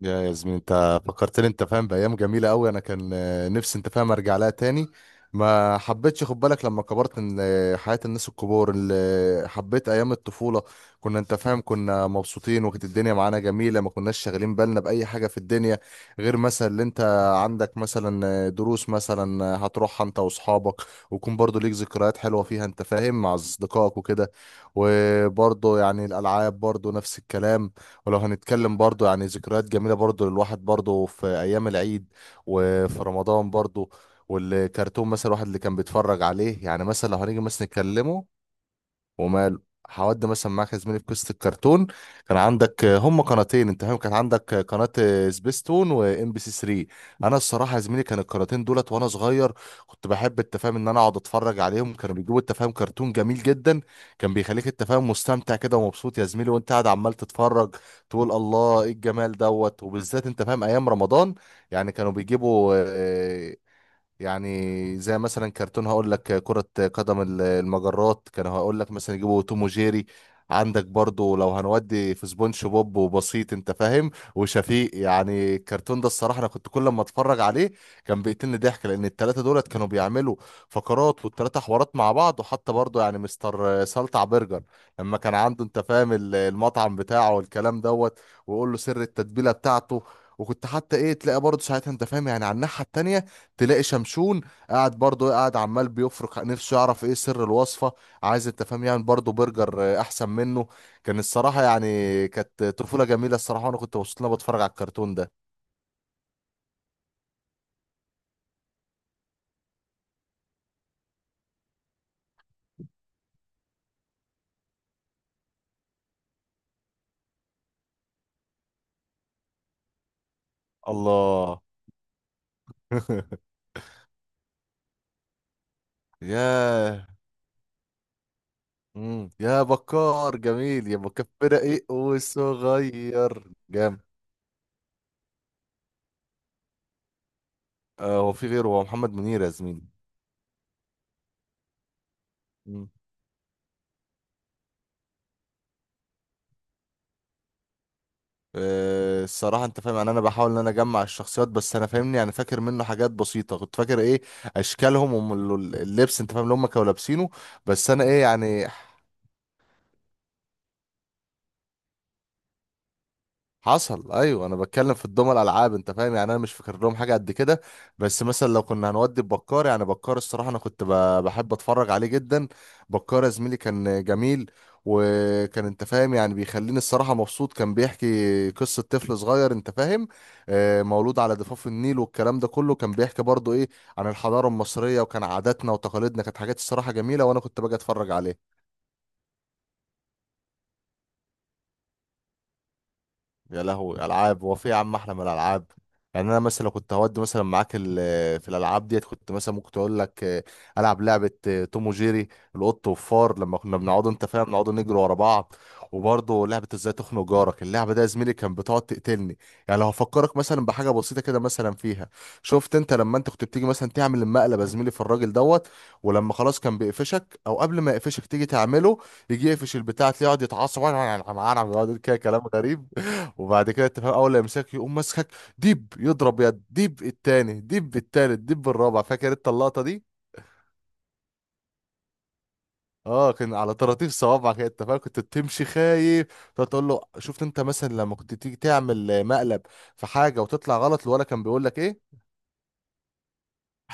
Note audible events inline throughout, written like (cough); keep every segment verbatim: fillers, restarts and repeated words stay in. يا ياسمين، انت فكرتني، انت فاهم، بايام جميله قوي. انا كان آه، نفسي، انت فاهم، ارجع لها تاني. ما حبيتش خد بالك لما كبرت ان آه، حياه الناس الكبار اللي حبيت ايام الطفوله. كنا، انت فاهم، كنا مبسوطين، وكانت الدنيا معانا جميله، ما كناش شاغلين بالنا باي حاجه في الدنيا. غير مثلا اللي انت عندك مثلا آه، دروس مثلا آه، هتروحها انت واصحابك، ويكون برضو ليك ذكريات حلوه فيها، انت فاهم، مع اصدقائك وكده. وبرضو يعني الالعاب برضو نفس الكلام. ولو هنتكلم برضو يعني ذكريات جميلة برضو للواحد، برضو في أيام العيد وفي رمضان برضو. والكرتون مثلا الواحد اللي كان بيتفرج عليه، يعني مثلا لو هنيجي مثلا نتكلمه. ومال، هودي مثلا معاك يا زميلي في قصه الكرتون. كان عندك هم قناتين، انت فاهم، كان عندك قناه سبيستون وام بي سي ثلاثة. انا الصراحه يا زميلي كان القناتين دولت وانا صغير، كنت بحب التفاهم ان انا اقعد اتفرج عليهم. كانوا بيجيبوا التفاهم كرتون جميل جدا، كان بيخليك التفاهم مستمتع كده ومبسوط يا زميلي وانت قاعد عمال تتفرج، تقول الله ايه الجمال دوت. وبالذات، انت فاهم، ايام رمضان يعني كانوا بيجيبوا آه، يعني زي مثلا كرتون، هقول لك كرة قدم ال- المجرات، كانوا هقول لك مثلا يجيبوا توم وجيري. عندك برضو لو هنودي في سبونج بوب وبسيط، انت فاهم، وشفيق. يعني الكرتون ده الصراحة انا كنت كل ما اتفرج عليه كان بيقتلني ضحك، لان التلاتة دولت كانوا بيعملوا فقرات والتلاتة حوارات مع بعض. وحتى برضو يعني مستر سلطع برجر لما كان عنده، انت فاهم، ال- المطعم بتاعه والكلام دوت، ويقول له سر التتبيلة بتاعته. وكنت حتى ايه، تلاقي برضه ساعتها، انت فاهم، يعني على الناحية التانية تلاقي شمشون قاعد برضه، قاعد عمال بيفرك نفسه يعرف ايه سر الوصفة، عايز، انت فاهم، يعني برضه برجر آه، احسن منه. كان الصراحة يعني كانت طفولة جميلة الصراحة، وانا كنت مبسوط ان انا بتفرج على الكرتون ده. الله. (laughs) ياه. مم. يا بكار، جميل يا بكار، فرق ايه وصغير. جامد. آه، هو في غيره، هو محمد منير يا زميلي. آه، الصراحة، انت فاهم، يعني انا بحاول ان انا اجمع الشخصيات، بس انا فاهمني يعني فاكر منه حاجات بسيطة. كنت فاكر ايه اشكالهم واللبس، انت فاهم، اللي هم كانوا لابسينه، بس انا ايه يعني. حصل، ايوه، انا بتكلم في الدول الالعاب، انت فاهم، يعني انا مش فاكر لهم حاجه قد كده. بس مثلا لو كنا هنودي بكار، يعني بكار الصراحه انا كنت ب- بحب اتفرج عليه جدا. بكار يا زميلي كان جميل، وكان، انت فاهم، يعني بيخليني الصراحه مبسوط. كان بيحكي قصه طفل صغير، انت فاهم، آه، مولود على ضفاف النيل، والكلام ده كله كان بيحكي برضو ايه عن الحضاره المصريه، وكان عاداتنا وتقاليدنا كانت حاجات الصراحه جميله، وانا كنت باجي اتفرج عليه. يا لهوي، العاب هو في يا عم احلى من الالعاب. يعني انا مثلا لو كنت هودي مثلا معاك ال- في الالعاب ديت، كنت مثلا ممكن تقول لك آه، العب لعبه آه، توم وجيري، القط والفار، لما كنا بنقعد، انت فاهم، نقعد نجري ورا بعض. وبرضه لعبه ازاي تخنق جارك، اللعبه ده يا زميلي كان بتقعد تقتلني. يعني لو هفكرك مثلا بحاجه بسيطه كده مثلا فيها، شفت انت لما انت كنت بتيجي مثلا تعمل المقلب يا زميلي في الراجل دوت، ولما خلاص كان بيقفشك، او قبل ما يقفشك تيجي تعمله، يجي يقفش البتاع، تلاقيه يقعد يتعصب. (laughs) يقعد كده كلام غريب. وبعد كده تفهم اول لا يمسكك، يقوم ماسكك، ديب يضرب يد ديب التاني ديب التالت ديب الرابع. فاكر انت اللقطه دي؟ اه، كان على طراطيف صوابعك، انت فاهم، كنت بتمشي خايف. تقعد تقول له شفت انت مثلا لما كنت تيجي تعمل آه، مقلب في حاجه وتطلع غلط، الولا كان بيقول لك ايه.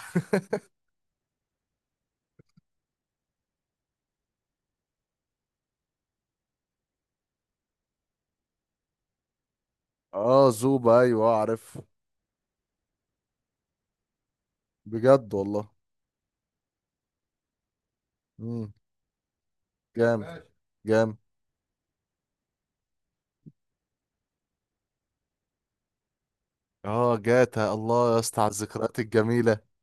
(laughs) اه، زوبا، ايوه اعرف. بجد والله. امم. جامد. جامد. اه، جاتا، الله يا اسطى على الذكريات الجميله.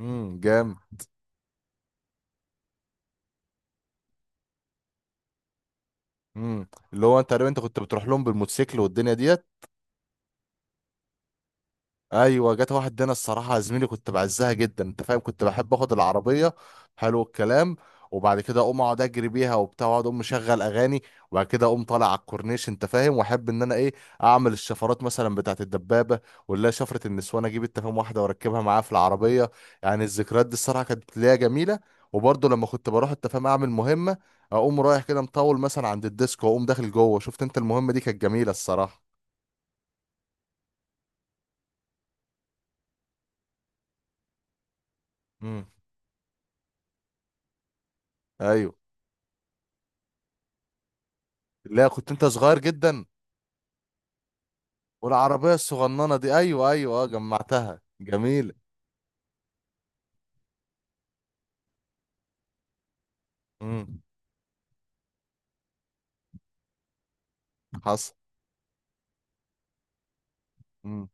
امم. جامد. امم. اللي هو انت تقريبا انت كنت بتروح لهم بالموتوسيكل والدنيا ديت. ايوه، جت واحد دينا الصراحه يا زميلي كنت بعزها جدا، انت فاهم، كنت بحب اخد العربيه. حلو الكلام. وبعد كده اقوم اقعد اجري بيها وبتاع، واقعد اقوم مشغل اغاني، وبعد كده اقوم طالع على الكورنيش، انت فاهم، واحب ان انا ايه اعمل الشفرات مثلا بتاعت الدبابه، ولا شفره النسوان اجيب، انت فاهم، واحده واركبها معاها في العربيه. يعني الذكريات دي الصراحه كانت ليا جميله. وبرضه لما كنت بروح، انت فاهم، اعمل مهمه، اقوم رايح كده مطول مثلا عند الديسكو، واقوم داخل جوه، شفت انت المهمه دي كانت جميله الصراحه. مم. ايوه. لا، كنت انت صغير جدا. والعربية الصغننة دي، أيوة أيوة، أه جمعتها جميلة. امم. حصل. امم.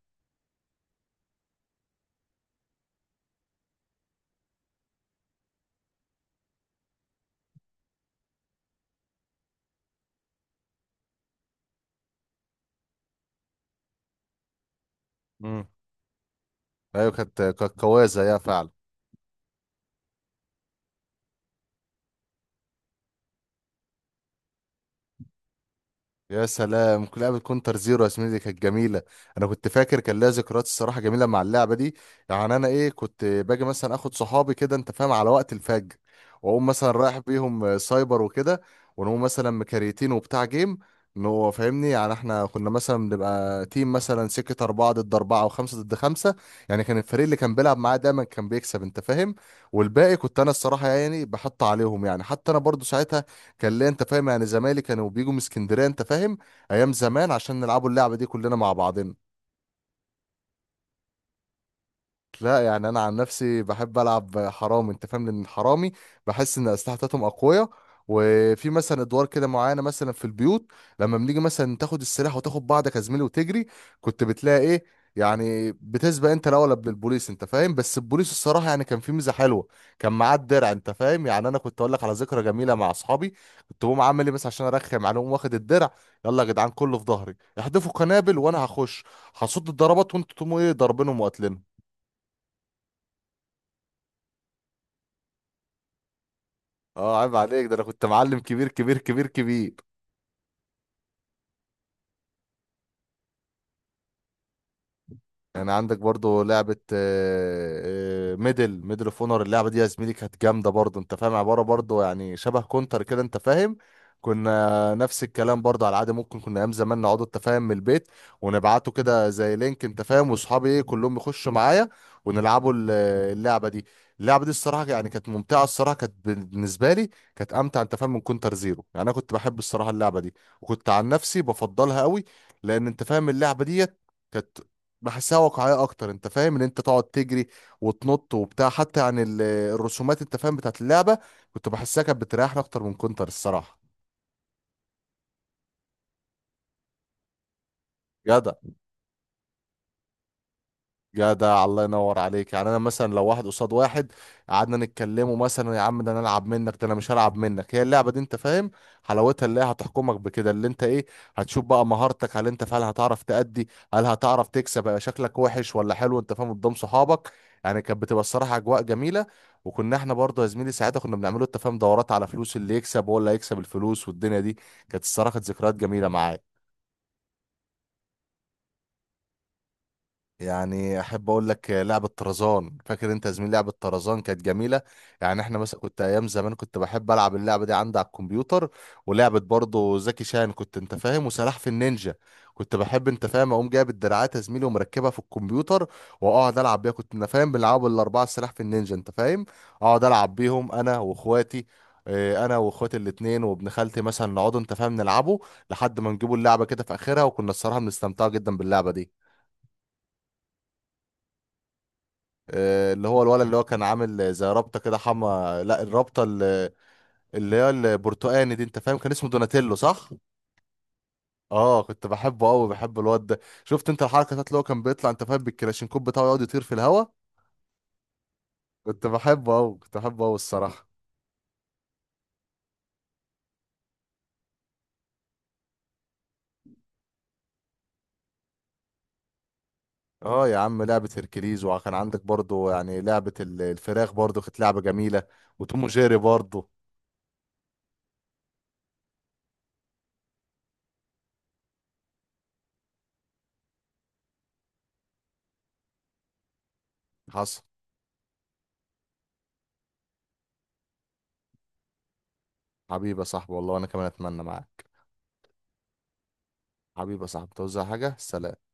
امم. أيوة، كانت كانت قوية زيها فعلا. يا سلام، كل لعبة كونتر زيرو يا زميلي دي كانت جميلة. أنا كنت فاكر كان لها ذكريات الصراحة جميلة مع اللعبة دي. يعني أنا إيه، كنت باجي مثلا آخد صحابي كده، أنت فاهم، على وقت الفجر، وأقوم مثلا رايح بيهم آه، سايبر وكده، ونقوم مثلا مكاريتين وبتاع جيم. إنه فاهمني، يعني إحنا كنا مثلا بنبقى تيم مثلا سكة أربعة ضد أربعة أو خمسة ضد خمسة. يعني كان الفريق اللي كان بيلعب معاه دايما كان بيكسب، أنت فاهم، والباقي كنت أنا الصراحة يعني بحط عليهم. يعني حتى أنا برضو ساعتها كان ليه، انت فاهم، يعني زمايلي كانوا بيجوا من اسكندريه، انت فاهم، ايام زمان، عشان نلعبوا اللعبه دي كلنا مع بعضنا. لا، يعني انا عن نفسي بحب العب حرامي، انت فاهم، لان الحرامي بحس ان الاسلحه بتاعتهم اقويه، وفي مثلا ادوار كده معينه مثلا في البيوت. لما بنيجي مثلا تاخد السلاح وتاخد بعضك يا زميلي وتجري، كنت بتلاقي ايه يعني بتسبق انت الاول قبل البوليس، انت فاهم. بس البوليس الصراحه يعني كان في ميزه حلوه، كان معاه الدرع، انت فاهم. يعني انا كنت اقول لك على ذكرى جميله مع اصحابي، كنت بقوم عامل ايه بس عشان ارخم عليهم واخد الدرع. يلا يا جدعان، كله في ظهري، احدفوا قنابل وانا هخش، هصد الضربات، وانتوا تقوموا ايه ضاربينهم وقتلين. اه، عيب عليك، ده انا كنت معلم كبير كبير كبير كبير. يعني عندك برضو لعبة آه، آه، ميدل ميدل اوف اونر، اللعبة دي يا زميلي كانت جامدة برضو، انت فاهم، عبارة برضو يعني شبه كونتر كده، انت فاهم. كنا نفس الكلام برضو على العادة، ممكن كنا ايام زمان نقعد، انت فاهم، من البيت، ونبعته كده زي لينك، انت فاهم، واصحابي ايه كلهم يخشوا معايا ونلعبوا ال- اللعبة دي. اللعبة دي الصراحة يعني كانت ممتعة، الصراحة كانت بالنسبة لي كانت امتع، انت فاهم، من كونتر زيرو. يعني انا كنت بحب الصراحة اللعبة دي، وكنت عن نفسي بفضلها قوي، لان انت فاهم اللعبة دي كانت بحسها واقعية أكتر، أنت فاهم، إن أنت تقعد تجري وتنط وبتاع. حتى عن ال- الرسومات، أنت فاهم، بتاعت اللعبة، كنت بحسها كانت بتريحني أكتر من كونتر الصراحة. جدع. جدع، الله ينور عليك. يعني انا مثلا لو واحد قصاد واحد، قعدنا نتكلموا مثلا يا عم، ده انا العب منك، ده انا مش هلعب منك. هي اللعبه دي، انت فاهم، حلاوتها اللي هي هتحكمك بكده، اللي انت ايه هتشوف بقى مهارتك. هل انت فعلا هتعرف تأدي؟ هل هتعرف تكسب؟ هيبقى شكلك وحش ولا حلو، انت فاهم، قدام صحابك؟ يعني كانت بتبقى الصراحه اجواء جميله. وكنا احنا برضه يا زميلي ساعتها كنا بنعمله التفاهم دورات على فلوس، اللي يكسب هو اللي هيكسب الفلوس، والدنيا دي كانت الصراحه كانت ذكريات جميله معايا. يعني احب اقول لك لعبه طرزان، فاكر انت يا زميلي لعبه طرزان كانت جميله. يعني احنا مثلا كنت ايام زمان كنت بحب العب اللعبه دي عندي على الكمبيوتر. ولعبه برضه زكي شان، كنت انت فاهم وسلاح في النينجا، كنت بحب انت فاهم اقوم جايب الدراعات يا زميلي ومركبها في الكمبيوتر، واقعد العب بيها. كنت انا فاهم بنلعبوا الاربعه سلاح في النينجا، انت فاهم، اقعد العب بيهم انا واخواتي. اه، انا واخواتي الاتنين وابن خالتي مثلا نقعدوا، انت فاهم، نلعبوا، لحد ما نجيبوا اللعبه كده في اخرها. وكنا الصراحه بنستمتع جدا باللعبه دي. آه، اللي هو الولد، اللي هو كان عامل زي رابطة كده، حما لا، الرابطة اللي، اللي هي البرتقاني دي، انت فاهم، كان اسمه دوناتيلو، صح؟ اه كنت بحبه قوي، بحب الواد ده. شفت انت الحركة بتاعت اللي هو كان بيطلع، انت فاهم، بالكلاشينكوب بتاعه يقعد يطير في الهوا. كنت بحبه قوي، كنت بحبه قوي الصراحة. اه يا عم، لعبة هيركليز، وكان عندك برضو يعني لعبة ال- الفراخ برضو كانت لعبة جميلة، وتوم وجيري برضو. حصل. حبيبي يا صاحبي، والله انا كمان اتمنى معاك. حبيبي يا صاحبي، توزع حاجة، سلام.